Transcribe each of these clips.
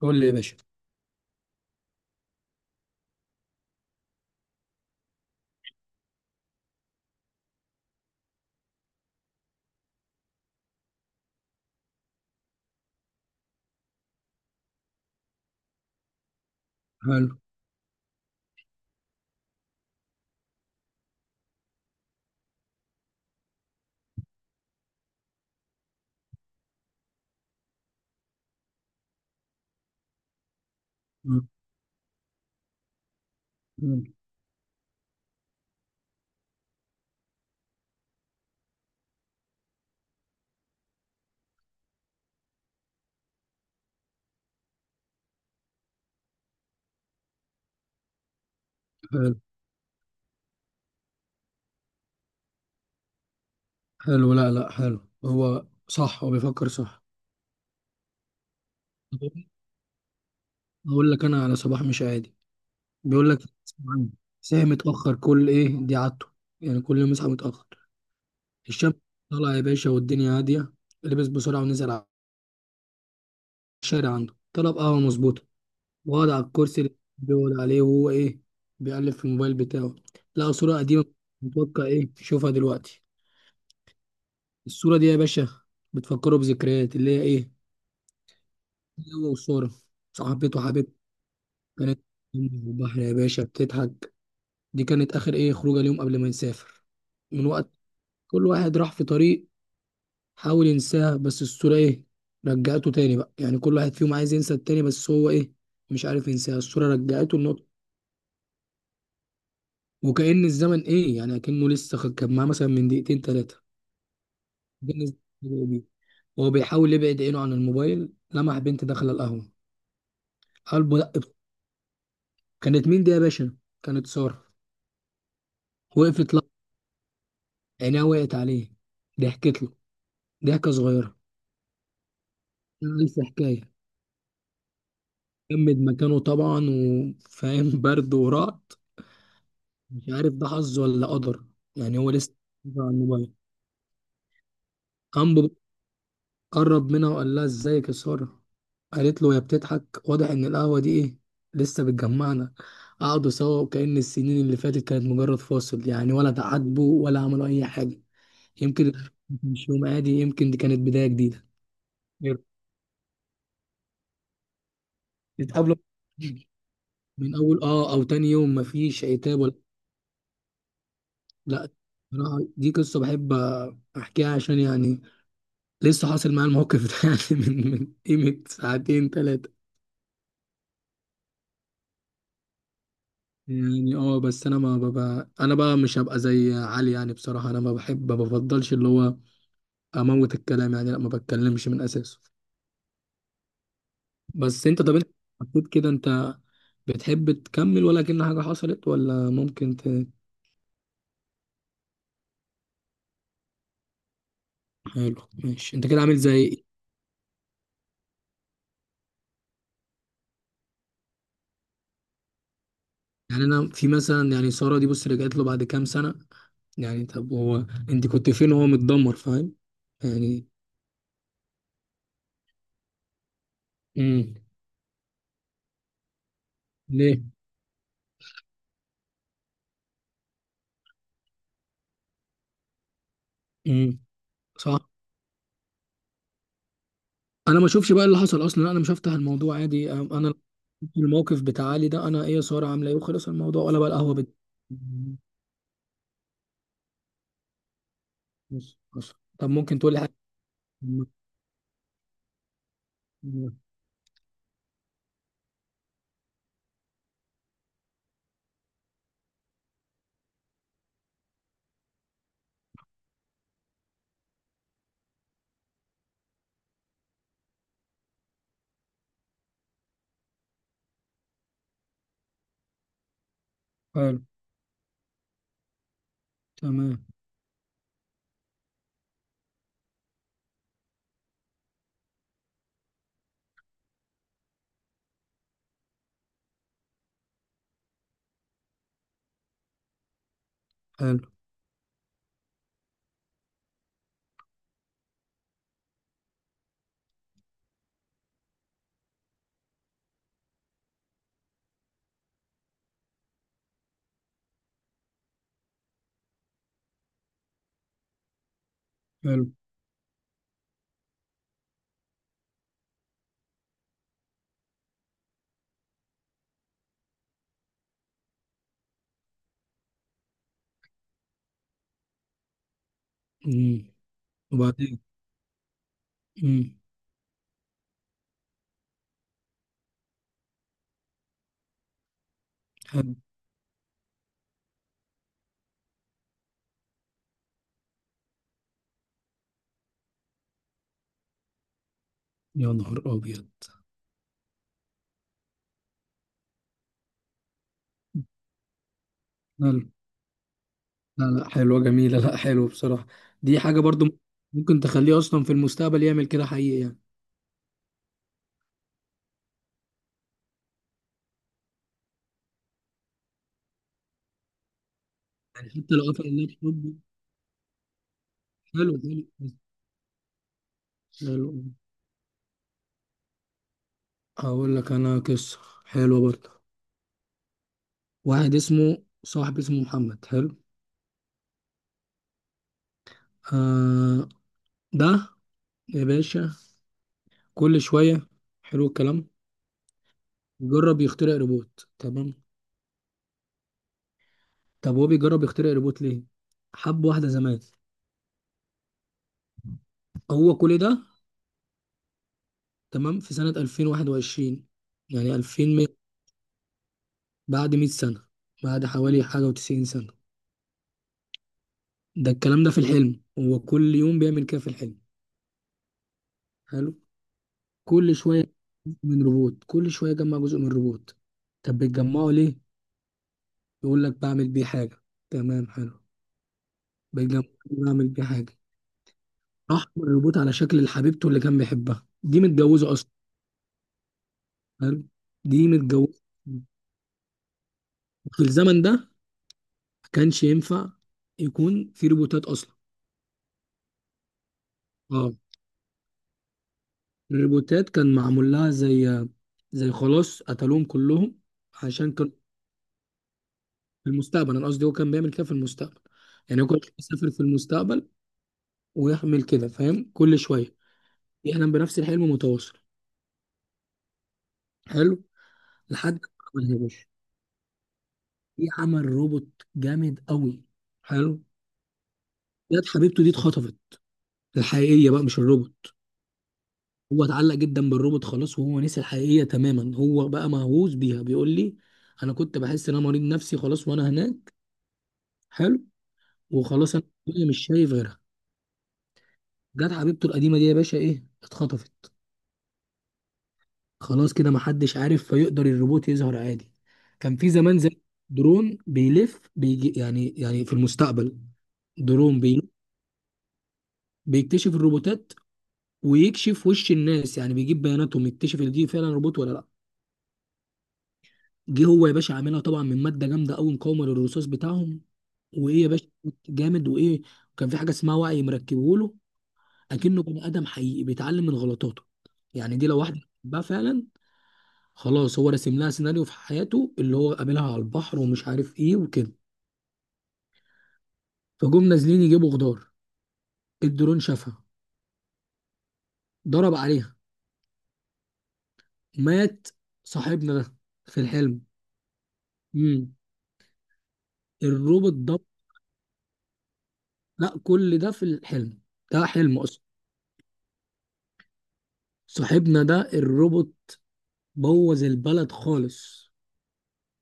قول لي يا باشا. حلو. مم. مم. حلو حلو، لا لا حلو، هو صح، هو بيفكر صح. اقول لك انا على صباح مش عادي. بيقول لك اسمع عني. ساعة متأخر كل ايه، دي عادته، يعني كل يوم يصحى متأخر. الشمس طالعة يا باشا والدنيا هادية. لبس بسرعة ونزل على الشارع، عنده طلب قهوة مظبوطة، وقعد على الكرسي اللي بيقعد عليه وهو ايه، بيقلب في الموبايل بتاعه. لقى صورة قديمة متوقع ايه يشوفها دلوقتي. الصورة دي يا باشا بتفكره بذكريات اللي هي ايه، هو وسارة صاحبته وحبيبته. كانت في البحر يا باشا بتضحك، دي كانت آخر إيه خروجة اليوم قبل ما نسافر. من وقت كل واحد راح في طريق، حاول ينساها بس الصورة إيه، رجعته تاني. بقى يعني كل واحد فيهم عايز ينسى التاني بس هو إيه، مش عارف ينساها. الصورة رجعته النقطة، وكأن الزمن إيه، يعني أكنه لسه كان معاه مثلا من دقيقتين تلاتة. كأن الزمن بدأ بيه. وهو بيحاول يبعد عينه عن الموبايل لمح بنت داخلة القهوة، قلبه دق. كانت مين دي يا باشا؟ كانت سارة. وقفت، عينيها وقعت عليه، ضحكت له ضحكة صغيرة، ألف حكاية. جمد مكانه طبعا، وفاهم برد ورعد، مش عارف ده حظ ولا قدر. يعني هو لسه على الموبايل، قام قرب منها وقال لها ازيك يا سارة. قالت له، يا بتضحك واضح ان القهوة دي ايه، لسه بتجمعنا. قعدوا سوا وكأن السنين اللي فاتت كانت مجرد فاصل، يعني ولا تعاتبوا ولا عملوا أي حاجة. يمكن مش يوم عادي، يمكن دي كانت بداية جديدة. يتقابلوا من اول اه او تاني يوم مفيش عتاب ولا لا. بصراحة دي قصه بحب احكيها عشان يعني لسه حاصل معايا الموقف ده يعني من قيمه ساعتين ثلاثه. يعني اه، بس انا ما ببقى انا بقى، مش هبقى زي علي. يعني بصراحه انا ما بحب، ما بفضلش اللي هو اموت الكلام، يعني لا ما بتكلمش من اساسه. بس انت، طب انت حطيت كده، انت بتحب تكمل ولا كأن حاجه حصلت، ولا ممكن ت... حلو ماشي، انت كده عامل زي يعني، انا في مثلا يعني ساره دي بص رجعت له بعد كام سنه. يعني طب هو، انت كنت فين وهو متدمر فاهم يعني. امم. ليه؟ امم. صح. انا ما اشوفش بقى اللي حصل اصلا، انا مش هفتح الموضوع عادي انا الموقف بتاع علي ده، انا ايه يا ساره، عامله ايه، وخلص الموضوع ولا بقى القهوه بت... مم. بص بص، طب ممكن تقول لي حاجه. مم. مم. حلو. تمام. حلو حلو. امم. وبعدين؟ امم. حلو. يا نهار ابيض. حلو لا لا حلوة جميلة، لا حلو بصراحة. دي حاجة برضو ممكن تخليه أصلا في المستقبل يعمل كده حقيقي يعني. يعني حتى لو قفل اللابتوب. حلو حلو حلو. هقول لك أنا قصة حلوة برضو. واحد اسمه، صاحب اسمه محمد، حلو، آه، ده يا باشا كل شوية حلو الكلام، جرب يخترع روبوت. تمام، طب هو بيجرب يخترع روبوت ليه؟ حب واحدة زمان. هو كل ده تمام في سنة 2021، يعني 2000، بعد 100 سنة، بعد حوالي حاجة وتسعين سنة، ده الكلام ده في الحلم. هو كل يوم بيعمل كده في الحلم. حلو، كل شوية من روبوت، كل شوية يجمع جزء من روبوت. طب بتجمعه ليه؟ يقول لك بعمل بيه حاجة. تمام حلو، بيجمع بعمل بيه حاجة. راح الروبوت على شكل حبيبته اللي كان بيحبها، دي متجوزة أصلا. حلو، دي متجوزة. في الزمن ده ما كانش ينفع يكون في روبوتات أصلا. اه، الريبوتات كان معمول لها زي زي، خلاص قتلوهم كلهم، عشان كان في المستقبل. انا قصدي هو كان بيعمل كده في المستقبل، يعني هو كان بيسافر في المستقبل ويعمل كده فاهم، كل شويه يحلم بنفس الحلم متواصل. حلو، لحد ما عملها يا باشا. في عمل روبوت جامد قوي. حلو. جت حبيبته دي اتخطفت، الحقيقيه بقى مش الروبوت. هو اتعلق جدا بالروبوت خلاص، وهو نسي الحقيقيه تماما، هو بقى مهووس بيها. بيقول لي انا كنت بحس ان انا مريض نفسي خلاص وانا هناك. حلو. وخلاص انا مش شايف غيرها. جت حبيبته القديمه دي يا باشا ايه، اتخطفت. خلاص كده محدش عارف، فيقدر الروبوت يظهر عادي. كان في زمان زي درون بيلف بيجي، يعني يعني في المستقبل، درون بي بيكتشف الروبوتات ويكشف وش الناس، يعني بيجيب بياناتهم يكتشف ان دي فعلا روبوت ولا لا. جه هو يا باشا عاملها طبعا من ماده جامده قوي مقاومه للرصاص بتاعهم، وايه يا باشا جامد، وايه وكان في حاجه اسمها وعي مركبه له، اكنه بني ادم حقيقي بيتعلم من غلطاته، يعني دي لو واحده بقى فعلا. خلاص هو راسم لها سيناريو في حياته، اللي هو قابلها على البحر ومش عارف ايه وكده. فجم نازلين يجيبوا خضار، الدرون شافها، ضرب عليها، مات صاحبنا ده في الحلم. امم. الروبوت ده؟ لا كل ده في الحلم، ده حلم اصلا. صاحبنا ده الروبوت بوظ البلد خالص،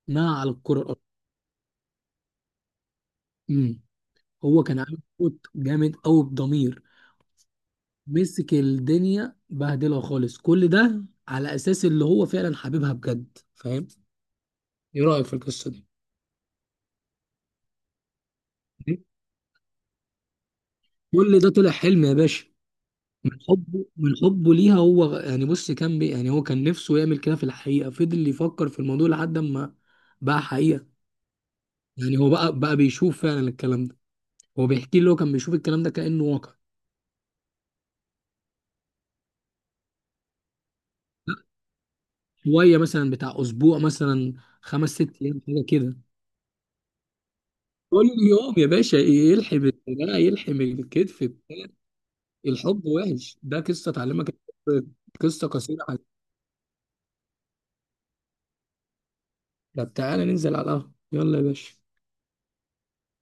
نهى على الكره الارضيه. امم. هو كان عامل روبوت جامد قوي بضمير، مسك الدنيا بهدلها خالص، كل ده على اساس اللي هو فعلا حبيبها بجد فاهم. ايه رايك في القصه دي؟ كل ده طلع حلم يا باشا، من حبه، من حبه ليها. هو يعني بص كان بي، يعني هو كان نفسه يعمل كده في الحقيقه، فضل يفكر في الموضوع لحد ما بقى حقيقه، يعني هو بقى بيشوف فعلا الكلام ده. هو بيحكي لي هو كان بيشوف الكلام ده كانه واقع. لا، شويه مثلا بتاع اسبوع مثلا، خمس ست ايام حاجه كده. كل يوم يا باشا يلحم الدراع، يلحم الكتف بتاع. الحب وحش، ده قصة تعلمك الحب، قصة قصيرة على. طب تعالى ننزل على القهوة يلا يا باشا.